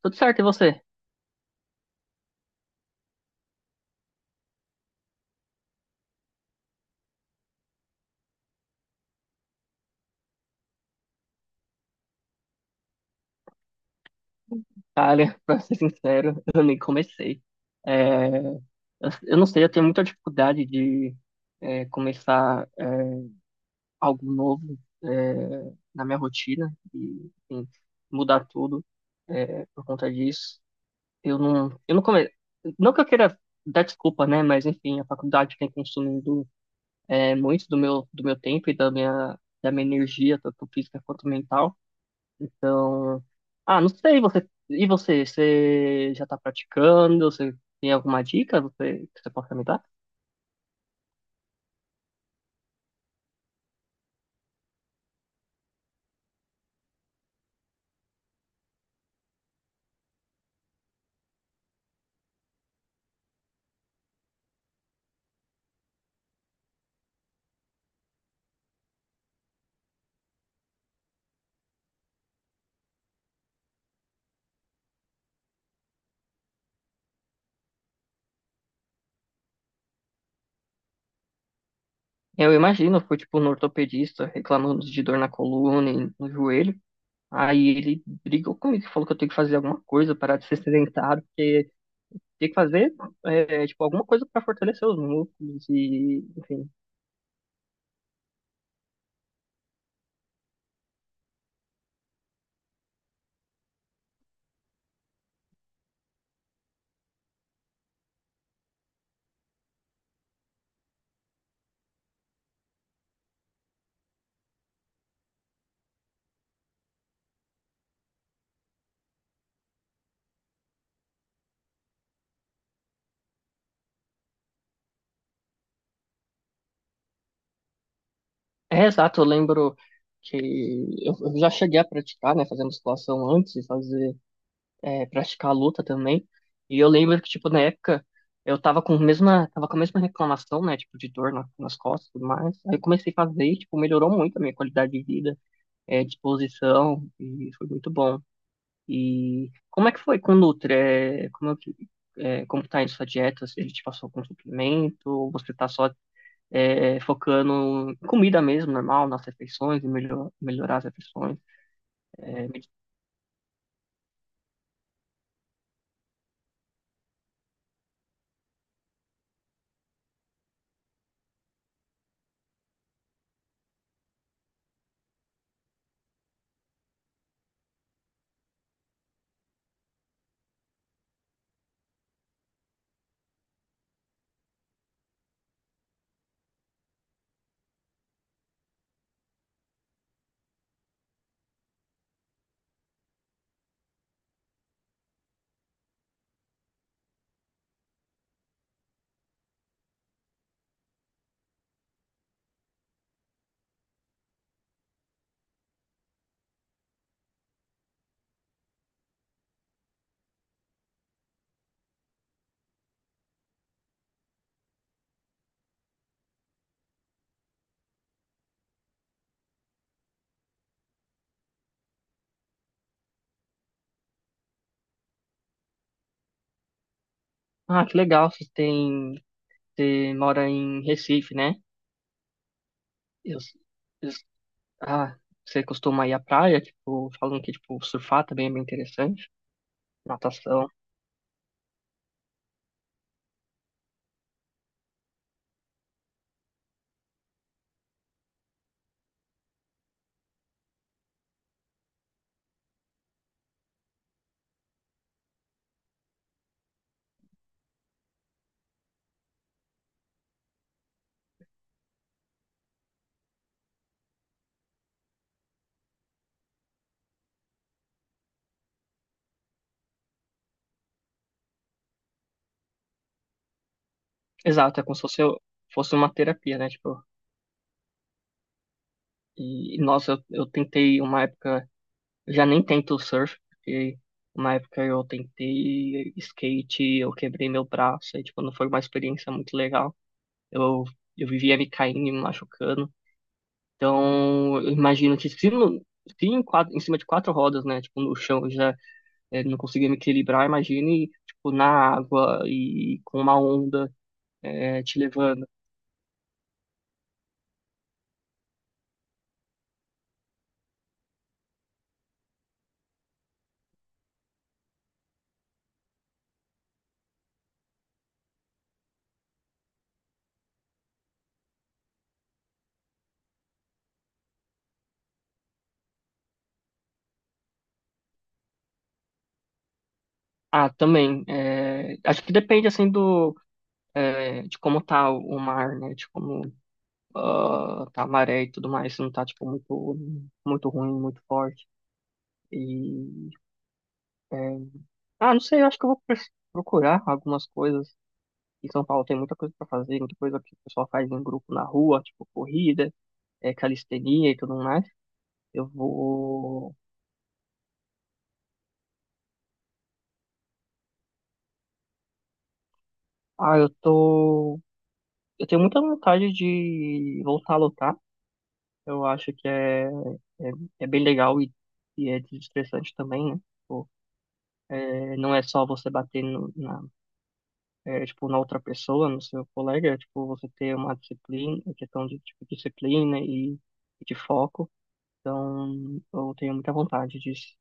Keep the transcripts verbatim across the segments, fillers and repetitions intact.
Tudo certo, e você? Olha, pra ser sincero, eu nem comecei. É, eu, eu não sei, eu tenho muita dificuldade de é, começar é, algo novo é, na minha rotina e enfim, mudar tudo é, por conta disso. Eu não, eu não come... Não que eu queira dar desculpa, né? Mas enfim, a faculdade tem consumido é, muito do meu, do meu tempo e da minha, da minha energia, tanto física quanto mental. Ah, não sei, você. E você? Você já tá praticando? Você tem alguma dica você, que você possa me dar? Eu imagino, eu fui tipo no ortopedista reclamando de dor na coluna e no joelho. Aí ele brigou comigo, falou que eu tenho que fazer alguma coisa, parar de ser sedentário, porque tem que fazer é, é, tipo alguma coisa para fortalecer os músculos e, enfim. É exato, eu lembro que eu eu já cheguei a praticar, né, fazer musculação antes de fazer é, praticar a luta também. E eu lembro que, tipo, na época, eu tava com a mesma, tava com a mesma reclamação, né, tipo, de dor na- nas costas e tudo mais. Aí eu comecei a fazer e, tipo, melhorou muito a minha qualidade de vida, é, disposição, e foi muito bom. E como é que foi com o Nutri? É, como, é que- é, como tá indo sua dieta? Se ele te passou com suplemento, ou você tá só é, focando em comida mesmo, normal, nas refeições, e melhor, melhorar as refeições? É, me- Ah, que legal, vocês têm. Você mora em Recife, né? Eu, eu- ah, Você costuma ir à praia, tipo, falando que tipo, surfar também é bem interessante, natação. Exato, é como se fosse, fosse uma terapia, né? Tipo, e nossa, eu, eu tentei uma época, eu já nem tento surf, porque uma época eu tentei skate, eu quebrei meu braço, e tipo, não foi uma experiência muito legal. Eu, eu vivia me caindo e me machucando. Então, eu imagino que se, no- se em, quatro, em cima de quatro rodas, né? Tipo, no chão já é, não conseguia me equilibrar, imagine, tipo, na água e com uma onda é, te levando. Ah, também, é, acho que depende, assim, do, é, de como tá o o mar, né, de como ah, tá a maré e tudo mais, se não tá, tipo, muito, muito ruim, muito forte. E, é, ah, não sei, eu acho que eu vou pres- procurar algumas coisas. Em São Paulo tem muita coisa para fazer, muita coisa que o pessoal faz em grupo na rua, tipo corrida, é, calistenia e tudo mais. Eu vou. Ah, eu tô. Eu tenho muita vontade de voltar a lutar. Eu acho que é, é, é bem legal e, e é desestressante também, né? Tipo, é, não é só você bater no- na, é, tipo, na outra pessoa, no seu colega, é, tipo, você ter uma disciplina, é questão de tipo, disciplina e, e de foco. Então, eu tenho muita vontade disso.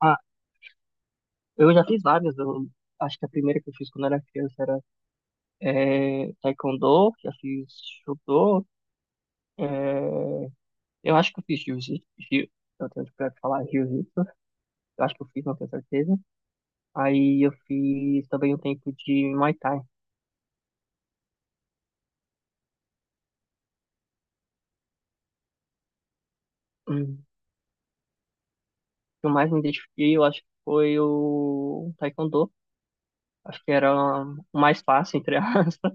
Ah, eu já fiz várias. Eu acho que a primeira que eu fiz quando era criança era é, taekwondo, já fiz judô. É, eu acho que eu fiz jiu-jitsu. jiu- Eu tenho dificuldade de falar jiu-jitsu. Eu acho que eu fiz, não tenho certeza. Aí eu fiz também um tempo de Muay Thai. Hum. O que eu mais me identifiquei, eu acho que foi o Taekwondo. Acho que era o mais fácil, entre aspas.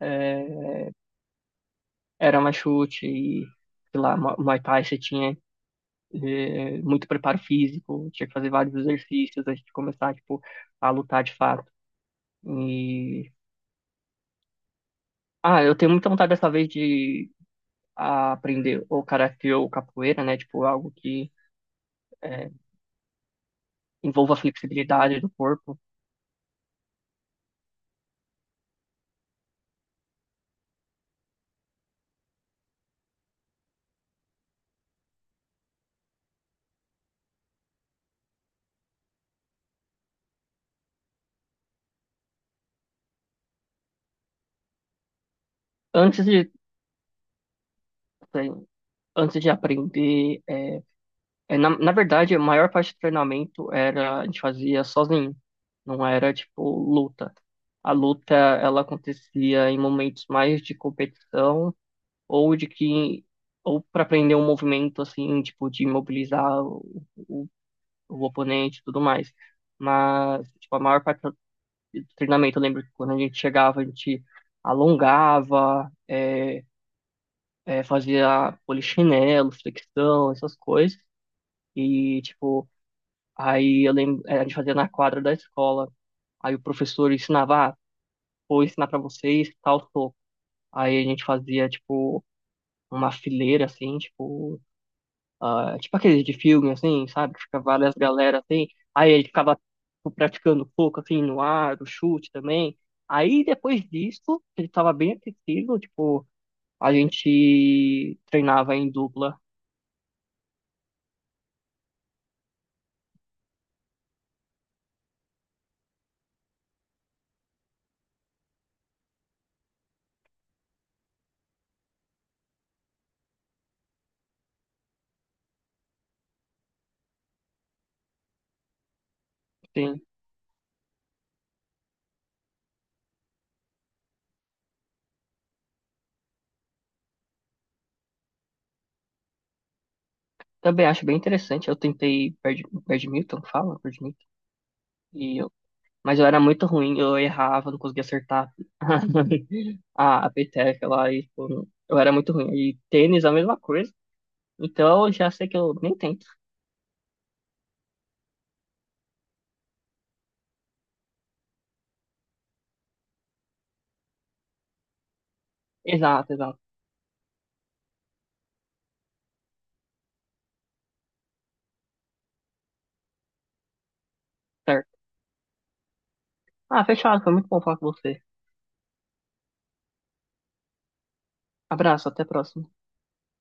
É, era mais chute e, sei lá, Mu- Muay Thai você tinha é, muito preparo físico, tinha que fazer vários exercícios antes de começar, tipo, a lutar de fato. E... Ah, eu tenho muita vontade dessa vez de a aprender ou karatê ou capoeira, né? Tipo, algo que é, envolva a flexibilidade do corpo. Antes de, assim, antes de aprender, é, é, na, na verdade, a maior parte do treinamento era a gente fazia sozinho, não era tipo luta. A luta, ela acontecia em momentos mais de competição ou de que ou para aprender um movimento assim, tipo de imobilizar o, o, o oponente e tudo mais. Mas tipo, a maior parte do treinamento. Eu lembro que quando a gente chegava, a gente alongava, é, é, fazia polichinelo, flexão, essas coisas. E, tipo, aí eu lembro, é, a gente fazia na quadra da escola. Aí o professor ensinava, ah, vou ensinar pra vocês tal soco. Aí a gente fazia, tipo, uma fileira, assim, tipo, ah, tipo aqueles de filme, assim, sabe? Que fica várias galera assim. Aí ele ficava tipo, praticando pouco, assim, no ar, o chute também. Aí depois disso, ele estava bem aquecido, tipo, a gente treinava em dupla. Assim. Também acho bem interessante. Eu tentei bad- badminton, fala, badminton. E eu, mas eu era muito ruim, eu errava, não conseguia acertar a, a peteca lá. E, tipo, eu era muito ruim. E tênis, a mesma coisa. Então, já sei que eu nem tento. Exato, exato. Certo. Ah, fechado. Foi muito bom falar com você. Abraço, até a próxima.